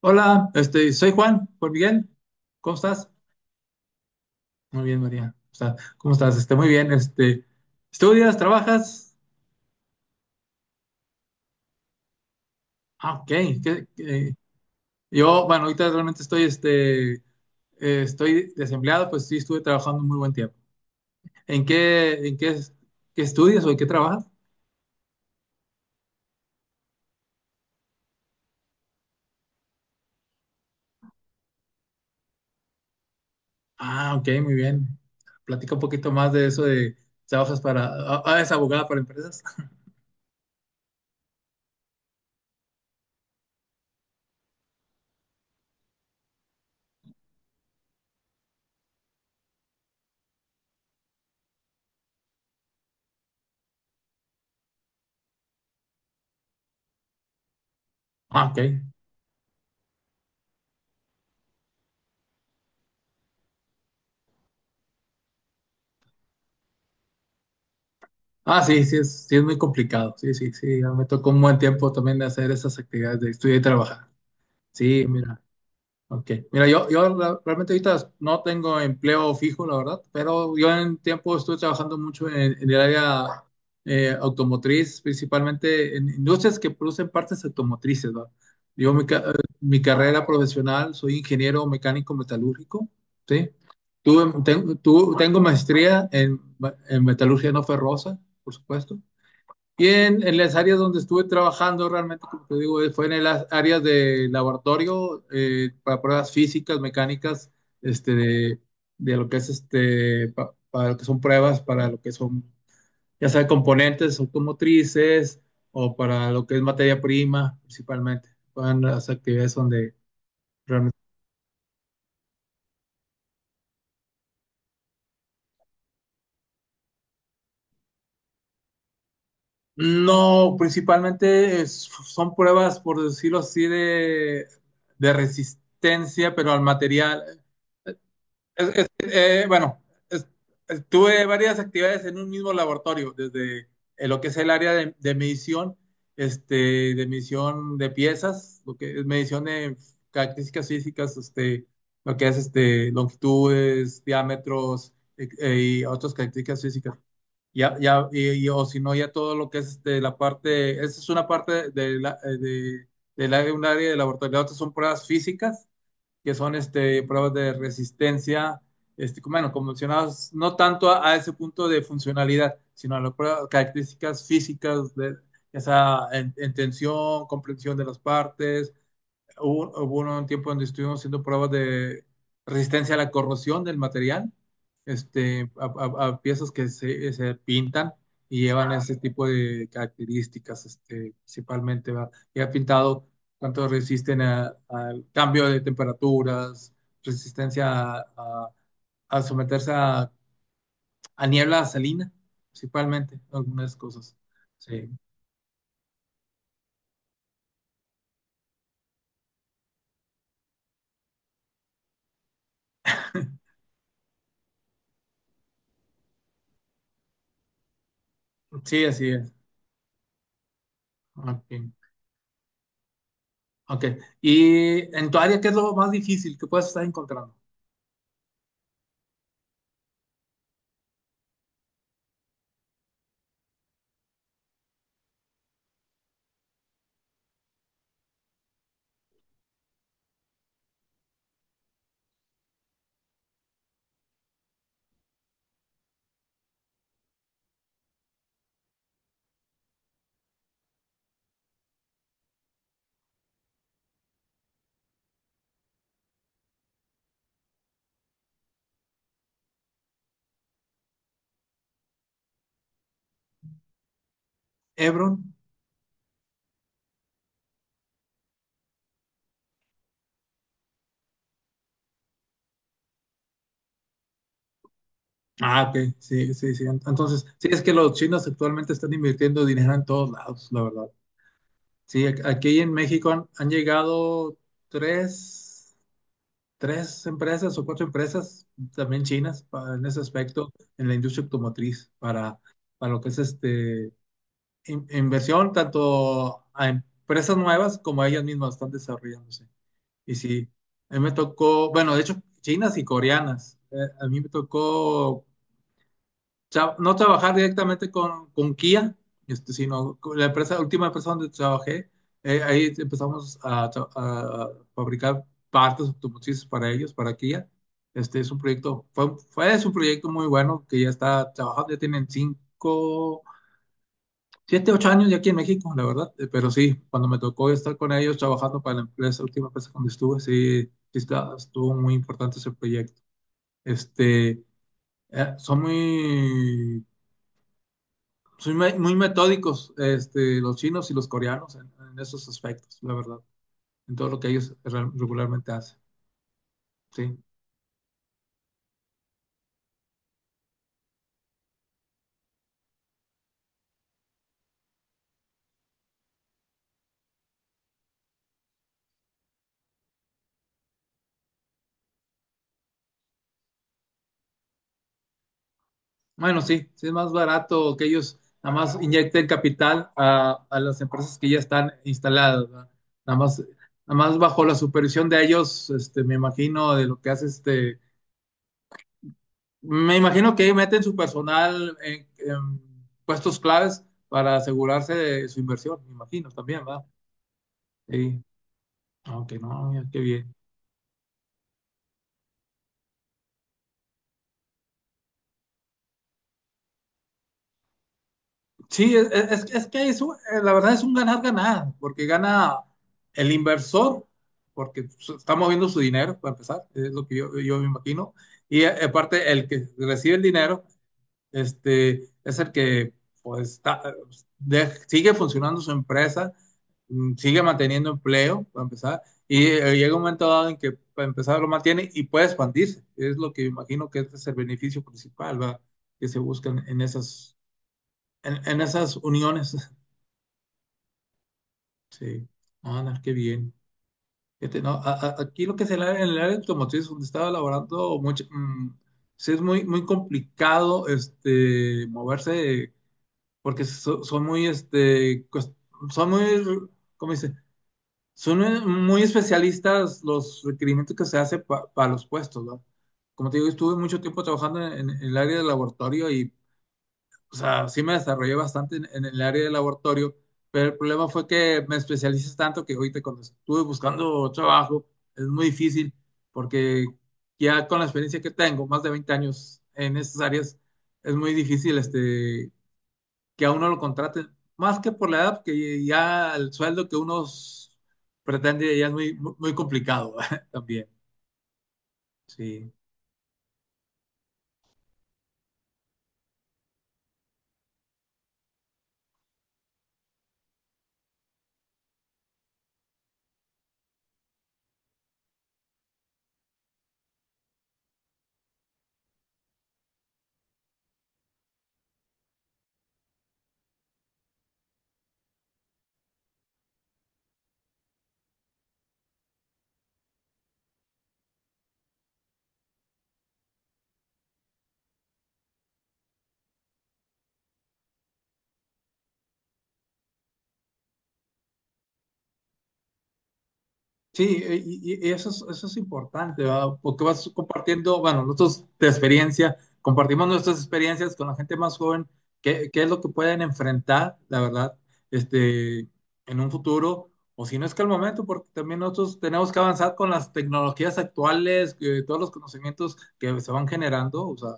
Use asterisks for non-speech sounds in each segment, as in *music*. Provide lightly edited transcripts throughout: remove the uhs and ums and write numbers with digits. Hola, soy Juan, Juan Miguel. ¿Cómo estás? Muy bien, María. O sea, ¿cómo estás? Muy bien. ¿Estudias? ¿Trabajas? Ah, ok. ¿Qué? Yo, bueno, ahorita realmente estoy desempleado, pues sí estuve trabajando un muy buen tiempo. ¿En qué, en qué, ¿Qué estudias o en qué trabajas? Ah, ok, muy bien. Platica un poquito más de eso de trabajas para, es abogada para empresas. Ah, ok. Ah, sí, es muy complicado. Sí, sí, sí. Ya me tocó un buen tiempo también de hacer esas actividades de estudiar y trabajar. Sí, mira, ok. Mira, realmente ahorita no tengo empleo fijo, la verdad, pero yo en tiempo estuve trabajando mucho en el área automotriz, principalmente en industrias que producen partes automotrices, ¿va? Yo mi carrera profesional soy ingeniero mecánico metalúrgico, ¿sí? Tengo maestría en metalurgia no ferrosa, por supuesto. Y en las áreas donde estuve trabajando, realmente, como te digo, fue en las áreas de laboratorio, para pruebas físicas, mecánicas, este, de, de lo que es, para lo que son pruebas, para lo que son, ya sea componentes automotrices o para lo que es materia prima, principalmente. Van las actividades donde realmente. No, principalmente son pruebas, por decirlo así, de resistencia, pero al material. Bueno, es- tuve varias actividades en un mismo laboratorio, desde lo que es el área de medición, de medición de piezas, lo que es medición de características físicas, lo que es, longitudes, diámetros, y otras características físicas. Ya, ya, o si no, ya todo lo que es, la parte, esa es una parte un área de laboratorio. La otra son pruebas físicas que son, pruebas de resistencia, bueno, convencionadas no tanto a ese punto de funcionalidad, sino a las características físicas, de, ya sea en tensión, comprensión de las partes. Hubo un tiempo donde estuvimos haciendo pruebas de resistencia a la corrosión del material, a piezas que se pintan y llevan ese tipo de características, principalmente, ¿verdad? Y ha pintado cuánto resisten al cambio de temperaturas, resistencia a, a- a someterse a niebla salina, principalmente, algunas cosas. Sí, sí, así es. Ok. Ok. ¿Y en tu área qué es lo más difícil que puedes estar encontrando? Hebron. Ah, ok. Sí, sí, sí. Entonces, sí, es que los chinos actualmente están invirtiendo dinero en todos lados, la verdad. Sí, aquí en México han llegado tres, tres empresas o cuatro empresas también chinas, en ese aspecto, en la industria automotriz, para, lo que es, inversión, tanto a empresas nuevas como a ellas mismas están desarrollándose. Y sí, a mí me tocó, bueno, de hecho, chinas y coreanas. A mí me tocó no trabajar directamente con Kia, sino con la empresa, la última empresa donde trabajé. Ahí empezamos a fabricar partes automotrices para ellos, para Kia. Este es un proyecto. Fue, fue Es un proyecto muy bueno que ya está trabajando. Ya tienen cinco Siete, ocho años ya aquí en México, la verdad. Pero sí, cuando me tocó estar con ellos trabajando para la empresa, última empresa donde estuve, sí, sí estuvo muy importante ese proyecto. Este, eh, son muy, son muy muy metódicos, los chinos y los coreanos en esos aspectos, la verdad, en todo lo que ellos regularmente hacen, sí. Bueno, sí, sí es más barato que ellos nada más inyecten capital a las empresas que ya están instaladas, ¿verdad? Nada más, nada más bajo la supervisión de ellos. Me imagino de lo que hace. Me imagino que meten su personal en puestos claves para asegurarse de su inversión, me imagino también, ¿verdad? Sí, aunque no, mira, qué bien. Sí, es, es que es la verdad es un ganar-ganar, porque gana el inversor, porque está moviendo su dinero, para empezar, es lo que yo, me imagino, y aparte el que recibe el dinero, es el que pues sigue funcionando su empresa, sigue manteniendo empleo, para empezar, y llega un momento dado en que para empezar lo mantiene y puede expandirse, es lo que yo imagino que este es el beneficio principal, ¿verdad? Que se buscan en esas, en esas uniones. Sí, ah, no, qué bien. Fíjate, no, aquí lo que es el área, en el área automotriz donde estaba laborando mucho. Sí es muy, muy complicado, moverse porque son muy, son muy, ¿cómo dice? Son muy muy especialistas los requerimientos que se hace, para los puestos, ¿no? Como te digo, estuve mucho tiempo trabajando en el área de laboratorio y o sea, sí me desarrollé bastante en el área de laboratorio, pero el problema fue que me especialices tanto que ahorita cuando estuve buscando trabajo es muy difícil, porque ya con la experiencia que tengo, más de 20 años en estas áreas, es muy difícil, que a uno lo contraten, más que por la edad, que ya el sueldo que uno pretende ya es muy muy complicado *laughs* también. Sí. Sí, y eso es importante, ¿verdad? Porque vas compartiendo, bueno, nosotros de experiencia, compartimos nuestras experiencias con la gente más joven, qué es lo que pueden enfrentar, la verdad, este, en un futuro, o si no es que al momento, porque también nosotros tenemos que avanzar con las tecnologías actuales, que todos los conocimientos que se van generando, o sea,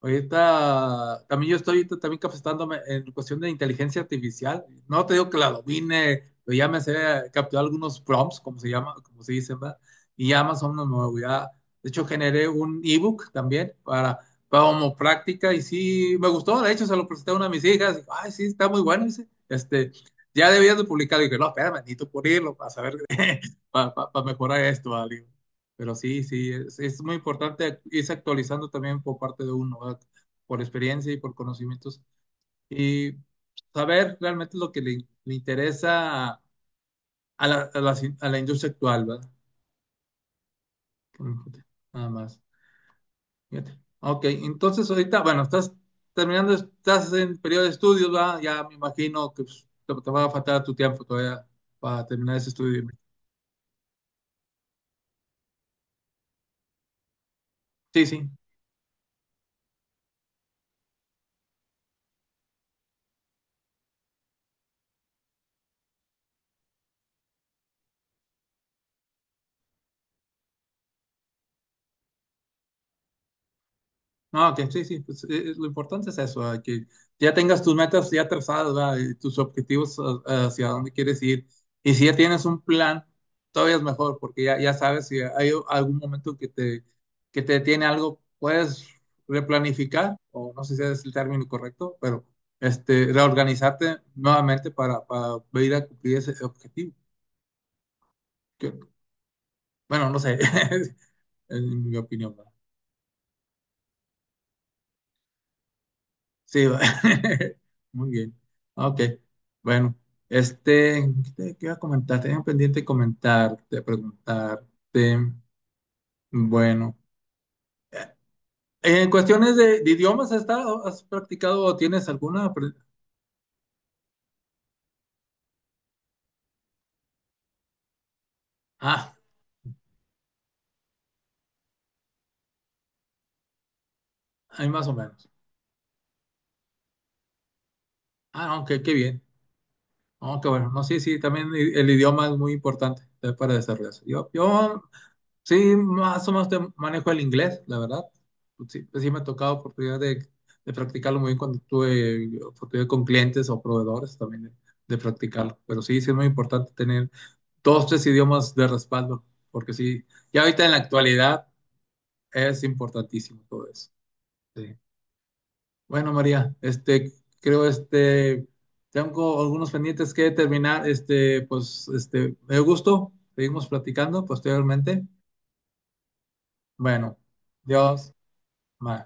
ahorita, también yo estoy ahorita también capacitándome en cuestión de inteligencia artificial. No te digo que la domine, pero ya me sé capturar algunos prompts, como se llama, como se dice, ¿verdad? Y ya más o menos me voy a... De hecho, generé un ebook también para, como práctica y sí, me gustó. De hecho, se lo presenté a una de mis hijas. Ay, sí, está muy bueno. Dice, ya debías de publicarlo. Y dije, no, espérame, necesito pulirlo para saber, *laughs* para mejorar esto, ¿verdad? Digo, pero sí, sí, es muy importante irse actualizando también por parte de uno, ¿verdad? Por experiencia y por conocimientos. Y saber realmente lo que le interesa a la, a la industria actual, ¿verdad? Que me fíjate. Nada más. Fíjate. Ok, entonces ahorita, bueno, estás terminando, estás en periodo de estudios, ¿verdad? Ya me imagino que pues, te va a faltar tu tiempo todavía para terminar ese estudio. Sí, sí. No, que sí, sí, pues, lo importante es eso, ¿verdad? Que ya tengas tus metas ya trazadas, ¿verdad? Y tus objetivos, hacia dónde quieres ir. Y si ya tienes un plan, todavía es mejor, porque ya sabes si hay algún momento que te detiene algo, puedes replanificar, o no sé si es el término correcto, pero, reorganizarte nuevamente para ir a cumplir ese objetivo. Que- bueno, no sé, *laughs* es mi opinión, ¿verdad? Sí, va. *laughs* Muy bien. Ok, bueno, ¿qué iba a comentar? Tenía pendiente comentarte, preguntarte. Bueno, eh, en cuestiones de idiomas, ¿has estado, has practicado o tienes alguna? Ah, hay más o menos. Ah, no, qué bien. No, qué bueno. No, sí, sí, también el idioma es muy importante, para desarrollarse. Yo Sí, más o menos te manejo el inglés, la verdad. Sí, pues sí me ha tocado oportunidad de practicarlo muy bien cuando tuve oportunidad con clientes o proveedores también de practicarlo. Pero sí, sí es muy importante tener dos, tres idiomas de respaldo, porque sí, ya ahorita en la actualidad es importantísimo todo eso. Sí. Bueno, María. Creo, tengo algunos pendientes que terminar. Pues, me gusto. Seguimos platicando posteriormente. Bueno, Dios. Bye.